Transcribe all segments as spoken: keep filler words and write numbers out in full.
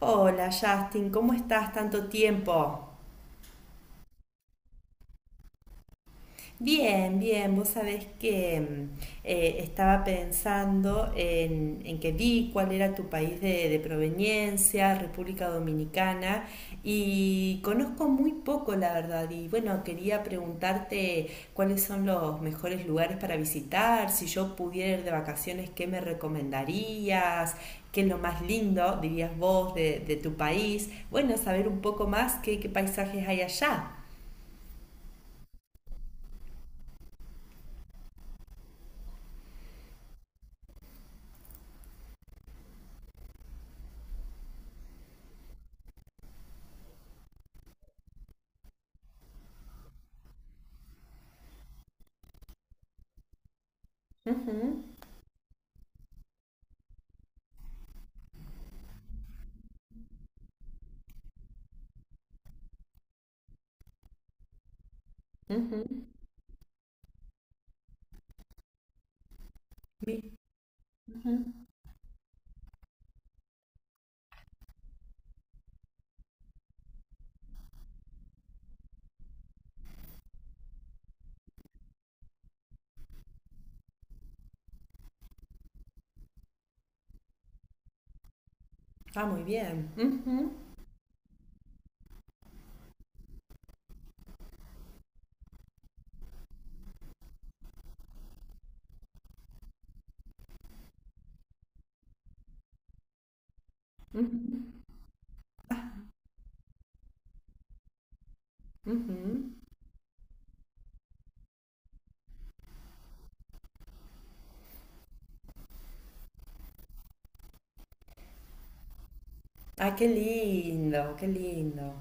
Hola Justin, ¿cómo estás? Tanto tiempo. Bien, bien, vos sabés que mm, eh, estaba pensando en, en que vi cuál era tu país de, de proveniencia, República Dominicana, y conozco muy poco, la verdad, y bueno, quería preguntarte cuáles son los mejores lugares para visitar. Si yo pudiera ir de vacaciones, ¿qué me recomendarías? ¿Qué es lo más lindo, dirías vos, de, de tu país? Bueno, saber un poco más qué, qué paisajes hay allá. Ujú, ujú. Ah, muy bien. Ujú, ujú. Ay, qué lindo, qué lindo.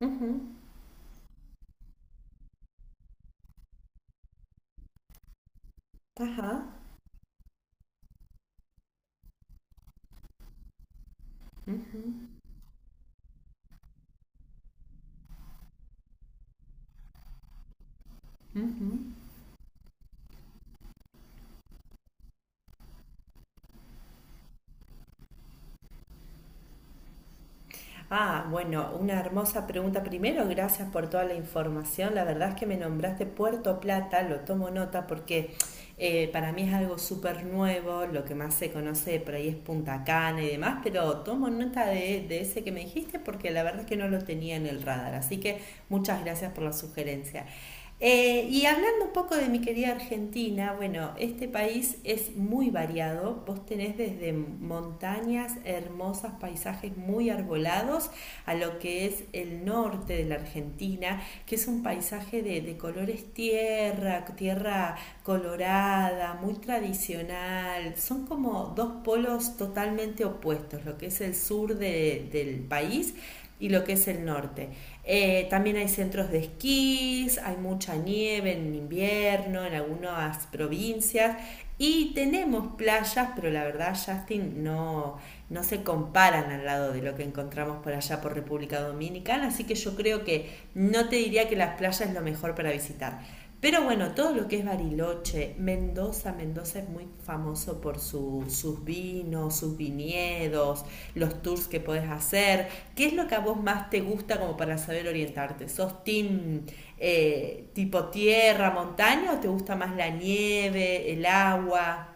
Ujú, ajá, ujú. Ah, bueno, una hermosa pregunta. Primero, gracias por toda la información. La verdad es que me nombraste Puerto Plata, lo tomo nota porque eh, para mí es algo súper nuevo. Lo que más se conoce por ahí es Punta Cana y demás, pero tomo nota de, de ese que me dijiste porque la verdad es que no lo tenía en el radar. Así que muchas gracias por la sugerencia. Eh, y hablando un poco de mi querida Argentina, bueno, este país es muy variado. Vos tenés desde montañas hermosas, paisajes muy arbolados, a lo que es el norte de la Argentina, que es un paisaje de, de colores tierra, tierra colorada, muy tradicional. Son como dos polos totalmente opuestos, lo que es el sur de- del país y lo que es el norte. Eh, también hay centros de esquís, hay mucha nieve en invierno en algunas provincias y tenemos playas, pero la verdad, Justin, no, no se comparan al lado de lo que encontramos por allá por República Dominicana, así que yo creo que no te diría que las playas es lo mejor para visitar. Pero bueno, todo lo que es Bariloche, Mendoza. Mendoza es muy famoso por su- sus vinos, sus viñedos, los tours que podés hacer. ¿Qué es lo que a vos más te gusta como para saber orientarte? ¿Sos team eh, tipo tierra, montaña, o te gusta más la nieve, el agua?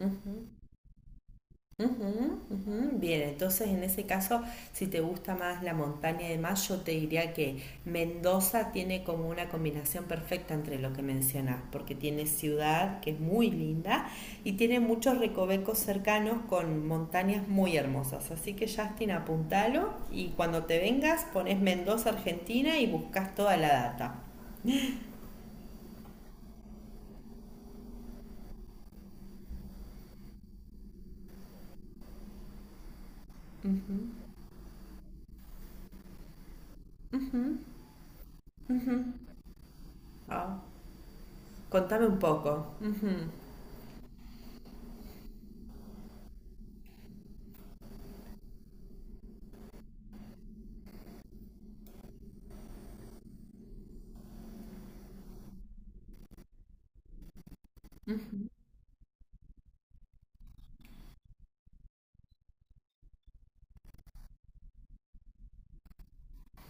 Ujú. Ujú, ujú. Bien, entonces en ese caso, si te gusta más la montaña de más, yo te diría que Mendoza tiene como una combinación perfecta entre lo que mencionas, porque tiene ciudad que es muy linda y tiene muchos recovecos cercanos con montañas muy hermosas. Así que Justin, apuntalo y cuando te vengas pones Mendoza, Argentina y buscas toda la data. Ah, contame un poco.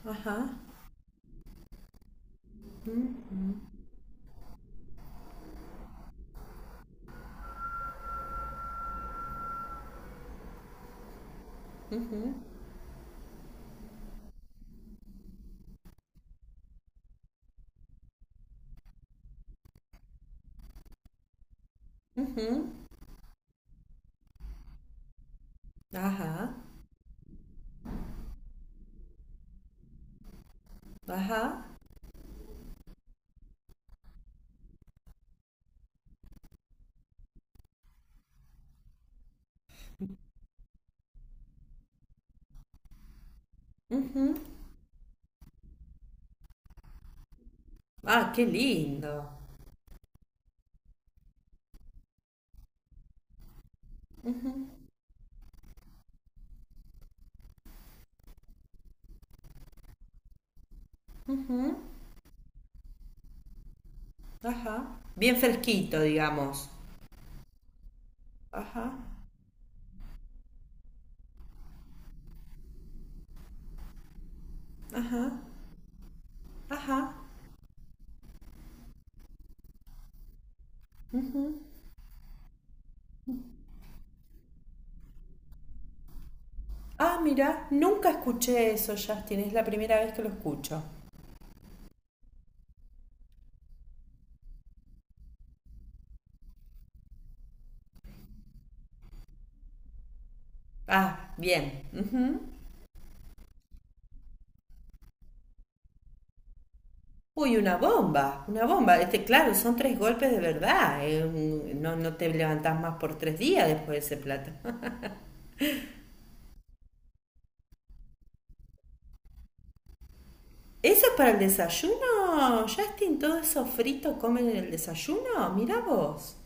Ajá, ujú, ajá, ajá, ujú. Ah, qué lindo. Ajá. Bien fresquito, digamos. Ajá, ajá. Ah, mira, nunca escuché eso, Justin. Es la primera vez que lo escucho. Ah, bien. Ujú. Uy, una bomba, una bomba. Este, claro, son tres golpes de verdad. eh, un- No, no te levantás más por tres días después de ese plato. ¿Eso es para el desayuno, Justin? ¿Todo eso frito comen en el desayuno? Mira vos.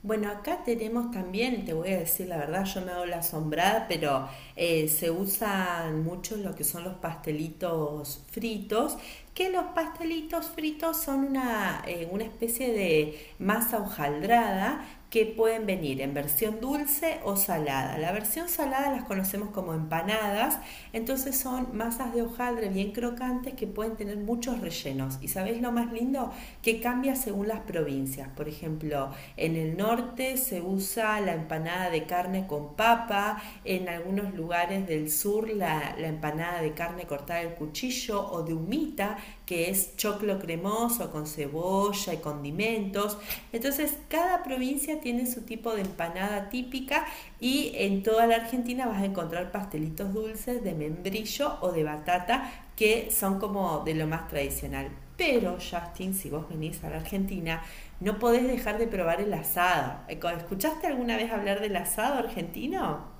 Bueno, acá tenemos también, te voy a decir la verdad, yo me hago la asombrada, pero eh, se usan mucho lo que son los pastelitos fritos, que los pastelitos fritos son una, eh, una especie de masa hojaldrada que pueden venir en versión dulce o salada. La versión salada las conocemos como empanadas, entonces son masas de hojaldre bien crocantes que pueden tener muchos rellenos. ¿Y sabéis lo más lindo? Que cambia según las provincias. Por ejemplo, en el norte se usa la empanada de carne con papa, en algunos lugares del sur la, la empanada de carne cortada al cuchillo o de humita, que es choclo cremoso con cebolla y condimentos. Entonces, cada provincia tiene su tipo de empanada típica y en toda la Argentina vas a encontrar pastelitos dulces de membrillo o de batata que son como de lo más tradicional. Pero, Justin, si vos venís a la Argentina, no podés dejar de probar el asado. ¿Escuchaste alguna vez hablar del asado argentino?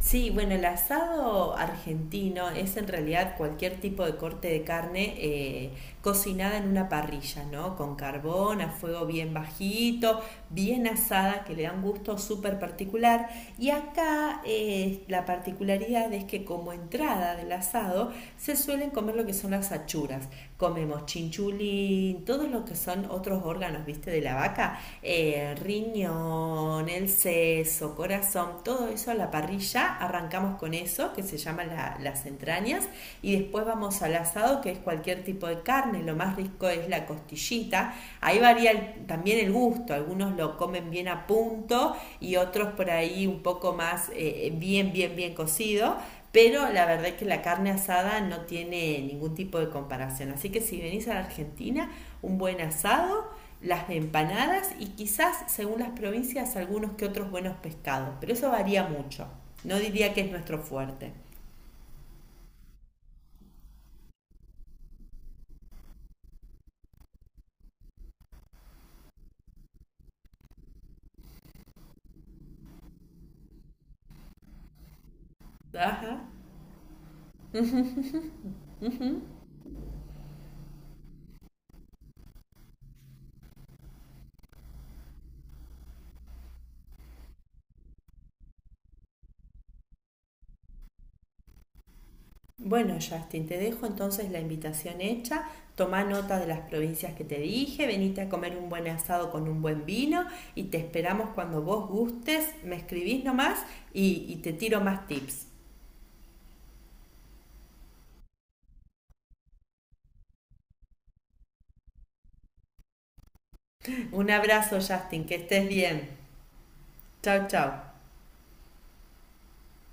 Sí, bueno, el asado argentino es en realidad cualquier tipo de corte de carne eh, cocinada en una parrilla, ¿no? Con carbón, a fuego bien bajito, bien asada, que le da un gusto súper particular. Y acá eh, la particularidad es que como entrada del asado se suelen comer lo que son las achuras. Comemos chinchulín, todos los que son otros órganos, viste, de la vaca, eh, riñón, pulmón, el seso, corazón, todo eso a la parrilla, arrancamos con eso, que se llama la- las entrañas, y después vamos al asado, que es cualquier tipo de carne. Lo más rico es la costillita, ahí varía el- también el gusto, algunos lo comen bien a punto y otros por ahí un poco más eh, bien, bien, bien cocido, pero la verdad es que la carne asada no tiene ningún tipo de comparación. Así que si venís a la Argentina, un buen asado, las de empanadas y quizás, según las provincias, algunos que otros buenos pescados, pero eso varía mucho. No diría que es nuestro fuerte. Ajá. Bueno, Justin, te dejo entonces la invitación hecha. Tomá nota de las provincias que te dije, venite a comer un buen asado con un buen vino y te esperamos cuando vos gustes. Me escribís nomás y, y te tiro más tips. Un abrazo, Justin, que estés bien. Chau, chau.